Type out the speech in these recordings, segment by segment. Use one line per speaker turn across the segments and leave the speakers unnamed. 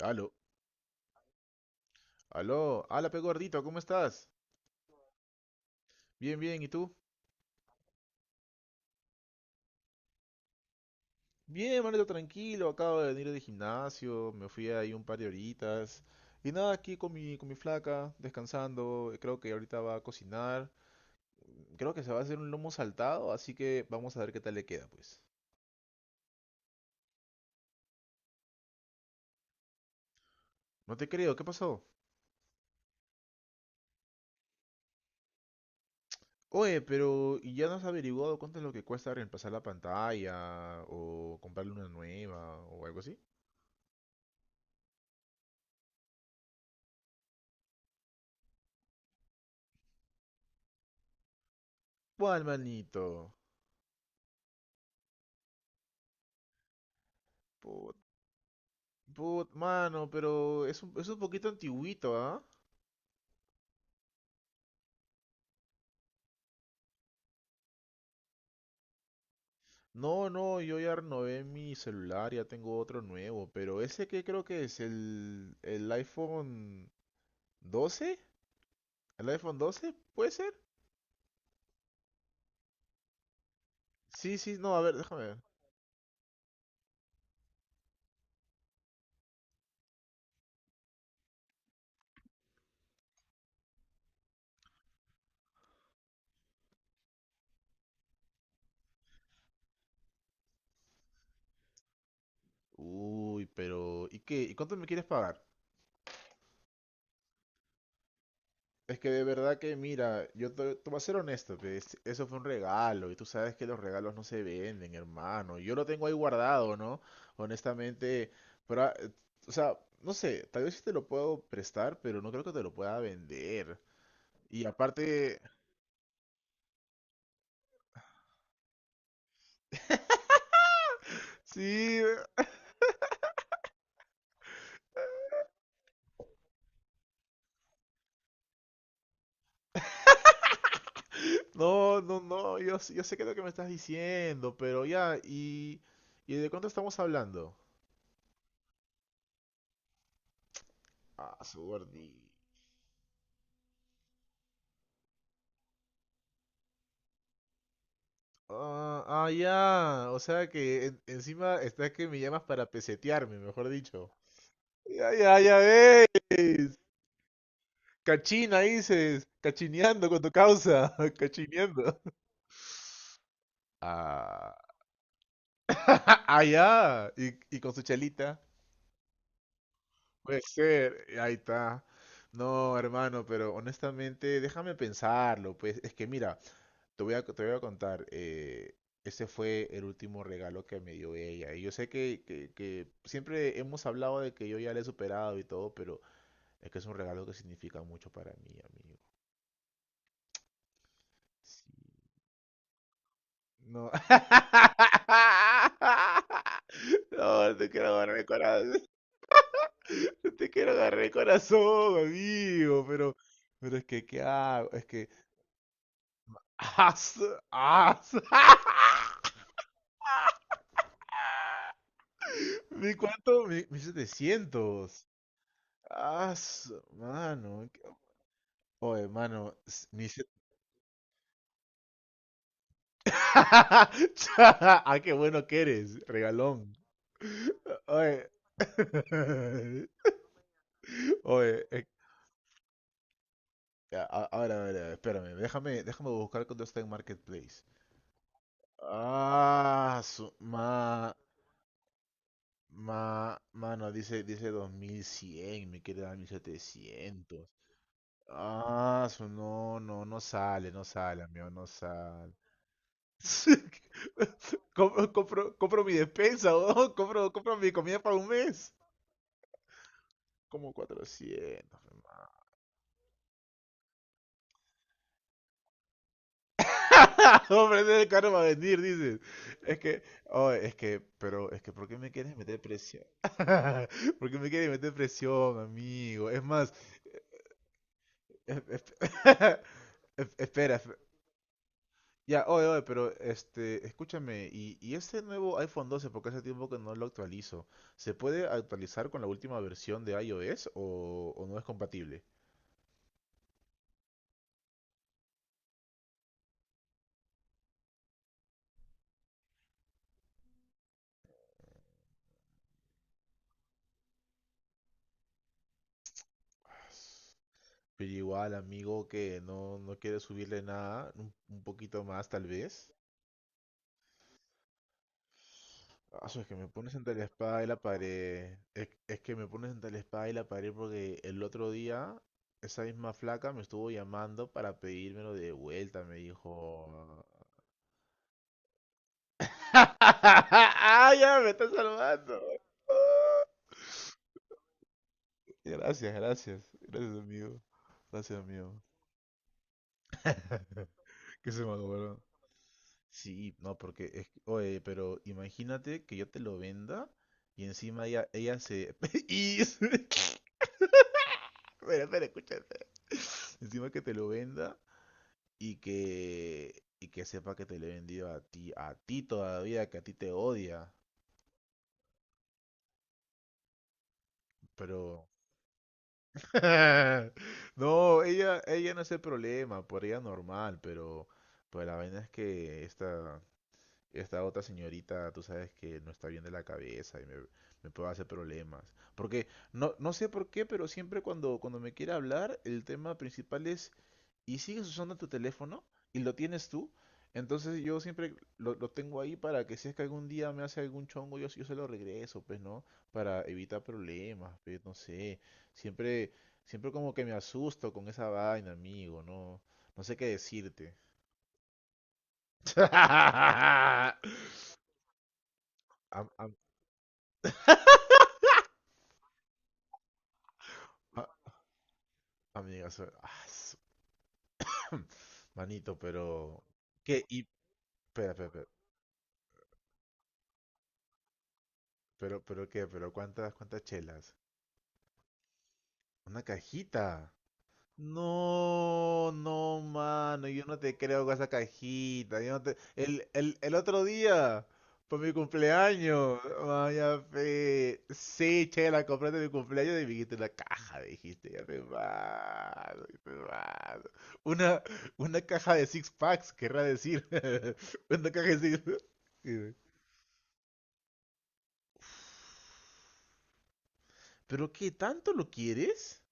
Aló, aló, ala pe gordito, ¿cómo estás? Bien, bien, ¿y tú? Bien, manito, tranquilo, acabo de venir del gimnasio, me fui ahí un par de horitas. Y nada, aquí con mi flaca, descansando, creo que ahorita va a cocinar. Creo que se va a hacer un lomo saltado, así que vamos a ver qué tal le queda, pues. No te creo, ¿qué pasó? Oye, pero ¿y ya no has averiguado cuánto es lo que cuesta reemplazar la pantalla o comprarle una nueva o algo así? ¿Cuál, manito? Put, mano, pero es un poquito antiguito, ¿ah? No, no, yo ya renové mi celular, ya tengo otro nuevo, pero ese que creo que es el iPhone 12, el iPhone 12, ¿puede ser? Sí, sí, no, a ver, déjame ver. Uy, pero, ¿y qué? ¿Y cuánto me quieres pagar? Es que de verdad que, mira, te voy a ser honesto, pues, eso fue un regalo y tú sabes que los regalos no se venden, hermano. Yo lo tengo ahí guardado, ¿no? Honestamente, pero, o sea, no sé, tal vez sí te lo puedo prestar, pero no creo que te lo pueda vender. Y aparte, sí, no, no, no, yo sé que es lo que me estás diciendo, pero ya, y de cuánto estamos hablando? Ah, su gordito. Ah, ah, ya. O sea que encima está que me llamas para pesetearme, mejor dicho. Ya, ya, ya ves. Cachina dices. Cachineando con tu causa. Cachineando. Ah, ah, ya. Y con su chalita. Puede ser. Ahí está. No, hermano, pero honestamente, déjame pensarlo. Pues es que mira, te voy a contar, ese fue el último regalo que me dio ella. Y yo sé que, que siempre hemos hablado de que yo ya le he superado y todo, pero es que es un regalo que significa mucho para mí, amigo. Sí, no. No, no te quiero agarrar el corazón. Te quiero agarrar el corazón, amigo. Pero es que, ¿qué hago? Es que. ¡As! ¡As! ¿Mi cuánto? Mi, 1700. Ah, mano. Oye, mano. Mi set Cha, ah, qué bueno que eres, regalón. Oye. Oye, a ver, a ver, a ver, espérame. Déjame buscar cuando está en Marketplace. Ah, mano, dice dos mil cien, me queda mil setecientos. Ah, no, no, no sale, no sale, amigo, no sale. Compro mi despensa, weón, compro mi comida para un mes. Como cuatrocientos, hermano. Hombre, ese carro va a venir, dices. Es que, oh, es que, pero, es que, ¿por qué me quieres meter presión? ¿Por qué me quieres meter presión, amigo? Es más, es- es- espera. Ya, oye, pero este, escúchame, y ese nuevo iPhone 12, porque hace tiempo que no lo actualizo, ¿se puede actualizar con la última versión de iOS o no es compatible? Pero igual, amigo, que no, no quiere subirle nada, un poquito más tal vez. Ah, es que me pones entre la espada y la pared. Es que me pones entre la espada y la pared porque el otro día esa misma flaca me estuvo llamando para pedírmelo de vuelta. Me dijo, ah, ya me está salvando. Ah. Gracias, gracias. Gracias, amigo. Gracias, amigo. ¿Qué se me acuerdo? Sí, no, porque oye, pero imagínate que yo te lo venda y encima ella se y espera, espera, escúchate. Encima que te lo venda y que sepa que te lo he vendido a ti todavía, que a ti te odia, pero no, ella no es el problema, por ella normal, pero pues la vaina es que esta otra señorita, tú sabes que no está bien de la cabeza y me puede hacer problemas. Porque no, no sé por qué, pero siempre cuando me quiere hablar, el tema principal es y sigues usando tu teléfono y lo tienes tú, entonces yo siempre lo tengo ahí para que si es que algún día me hace algún chongo, yo se lo regreso, pues, ¿no? Para evitar problemas, pues, no sé. Siempre, siempre como que me asusto con esa vaina, amigo, ¿no? No sé qué decirte. Am- am- a- amigas, manito, pero... ¿Qué? Y... Espera, espera, espera. Pero qué, pero cuántas, cuántas chelas. Una cajita. No, no, mano, yo no te creo con esa cajita. Yo no te... el otro día, por mi cumpleaños, vaya fe. Sí, che, la compré de mi cumpleaños y me dijiste una caja, dijiste, ya me mano, ya me mano. Una, una caja de six packs, querrá decir. Una caja de six Pero ¿qué tanto lo quieres?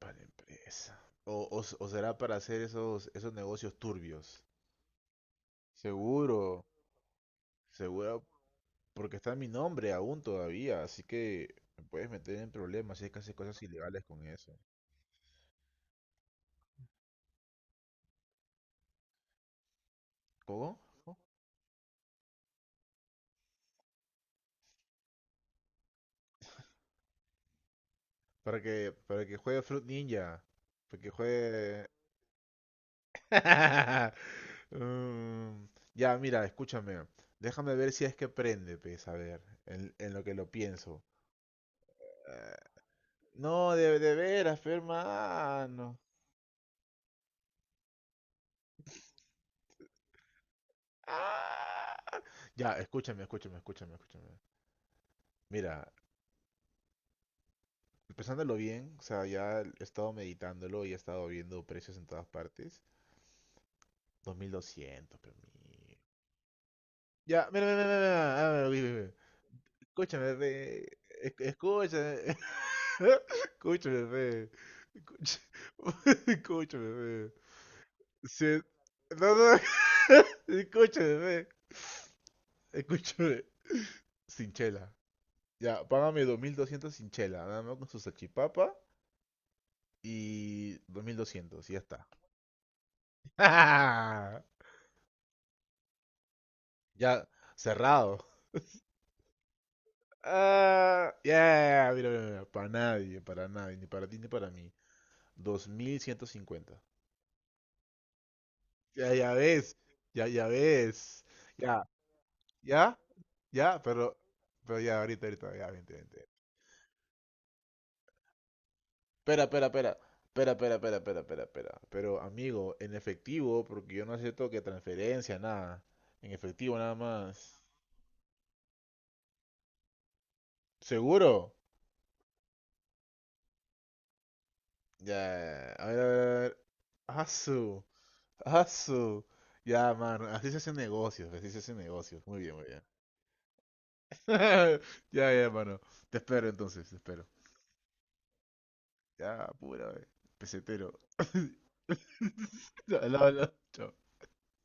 Para empresa. O, o- o será para hacer esos, esos negocios turbios. Seguro. Seguro, porque está mi nombre aún todavía, así que me puedes meter en problemas si es que haces cosas ilegales con eso. ¿Cómo? ¿Cómo? Para que juegue Fruit Ninja. Para que juegue... Mm, ya, mira, escúchame. Déjame ver si es que prende, pues, a ver, en lo que lo pienso. Eh, no, de veras, hermano. Ah. Ya, escúchame, escúchame, escúchame, escúchame. Mira, pensándolo bien, o sea, ya he estado meditándolo y he estado viendo precios en todas partes. 2200, pero mi... Ya, mira, mira, mira, mira, ah, mira, mira, mira. Escúchame, re. Escúchame. Escúchame, re. Escucha- Escúchame, re. Se- No, no, escúchame, re. Escúchame. Sin chela. Ya, págame 2200 sin chela, nada más con su salchipapa y 2200 y ya está. Ya, cerrado. Ah, yeah, mira, mira, mira, para nadie, ni para ti ni para mí. Dos mil ciento cincuenta. Ya, ya ves, ya, ya ves. Ya, ya, ya, pero ya, ahorita, ahorita, ya, vente, vente. Espera, espera, espera, espera, espera, espera, espera, espera, espera. Pero, amigo, en efectivo, porque yo no acepto que transferencia, nada. En efectivo, nada más. ¿Seguro? Ya, a ver, a ver, a ver. Asu, asu. Ya, mano, así se hacen negocios, así se hacen negocios. Muy bien, muy bien. Ya, ya, mano. Te espero entonces, te espero. Ya, pura, pesetero. Al lado, al lado. Chao.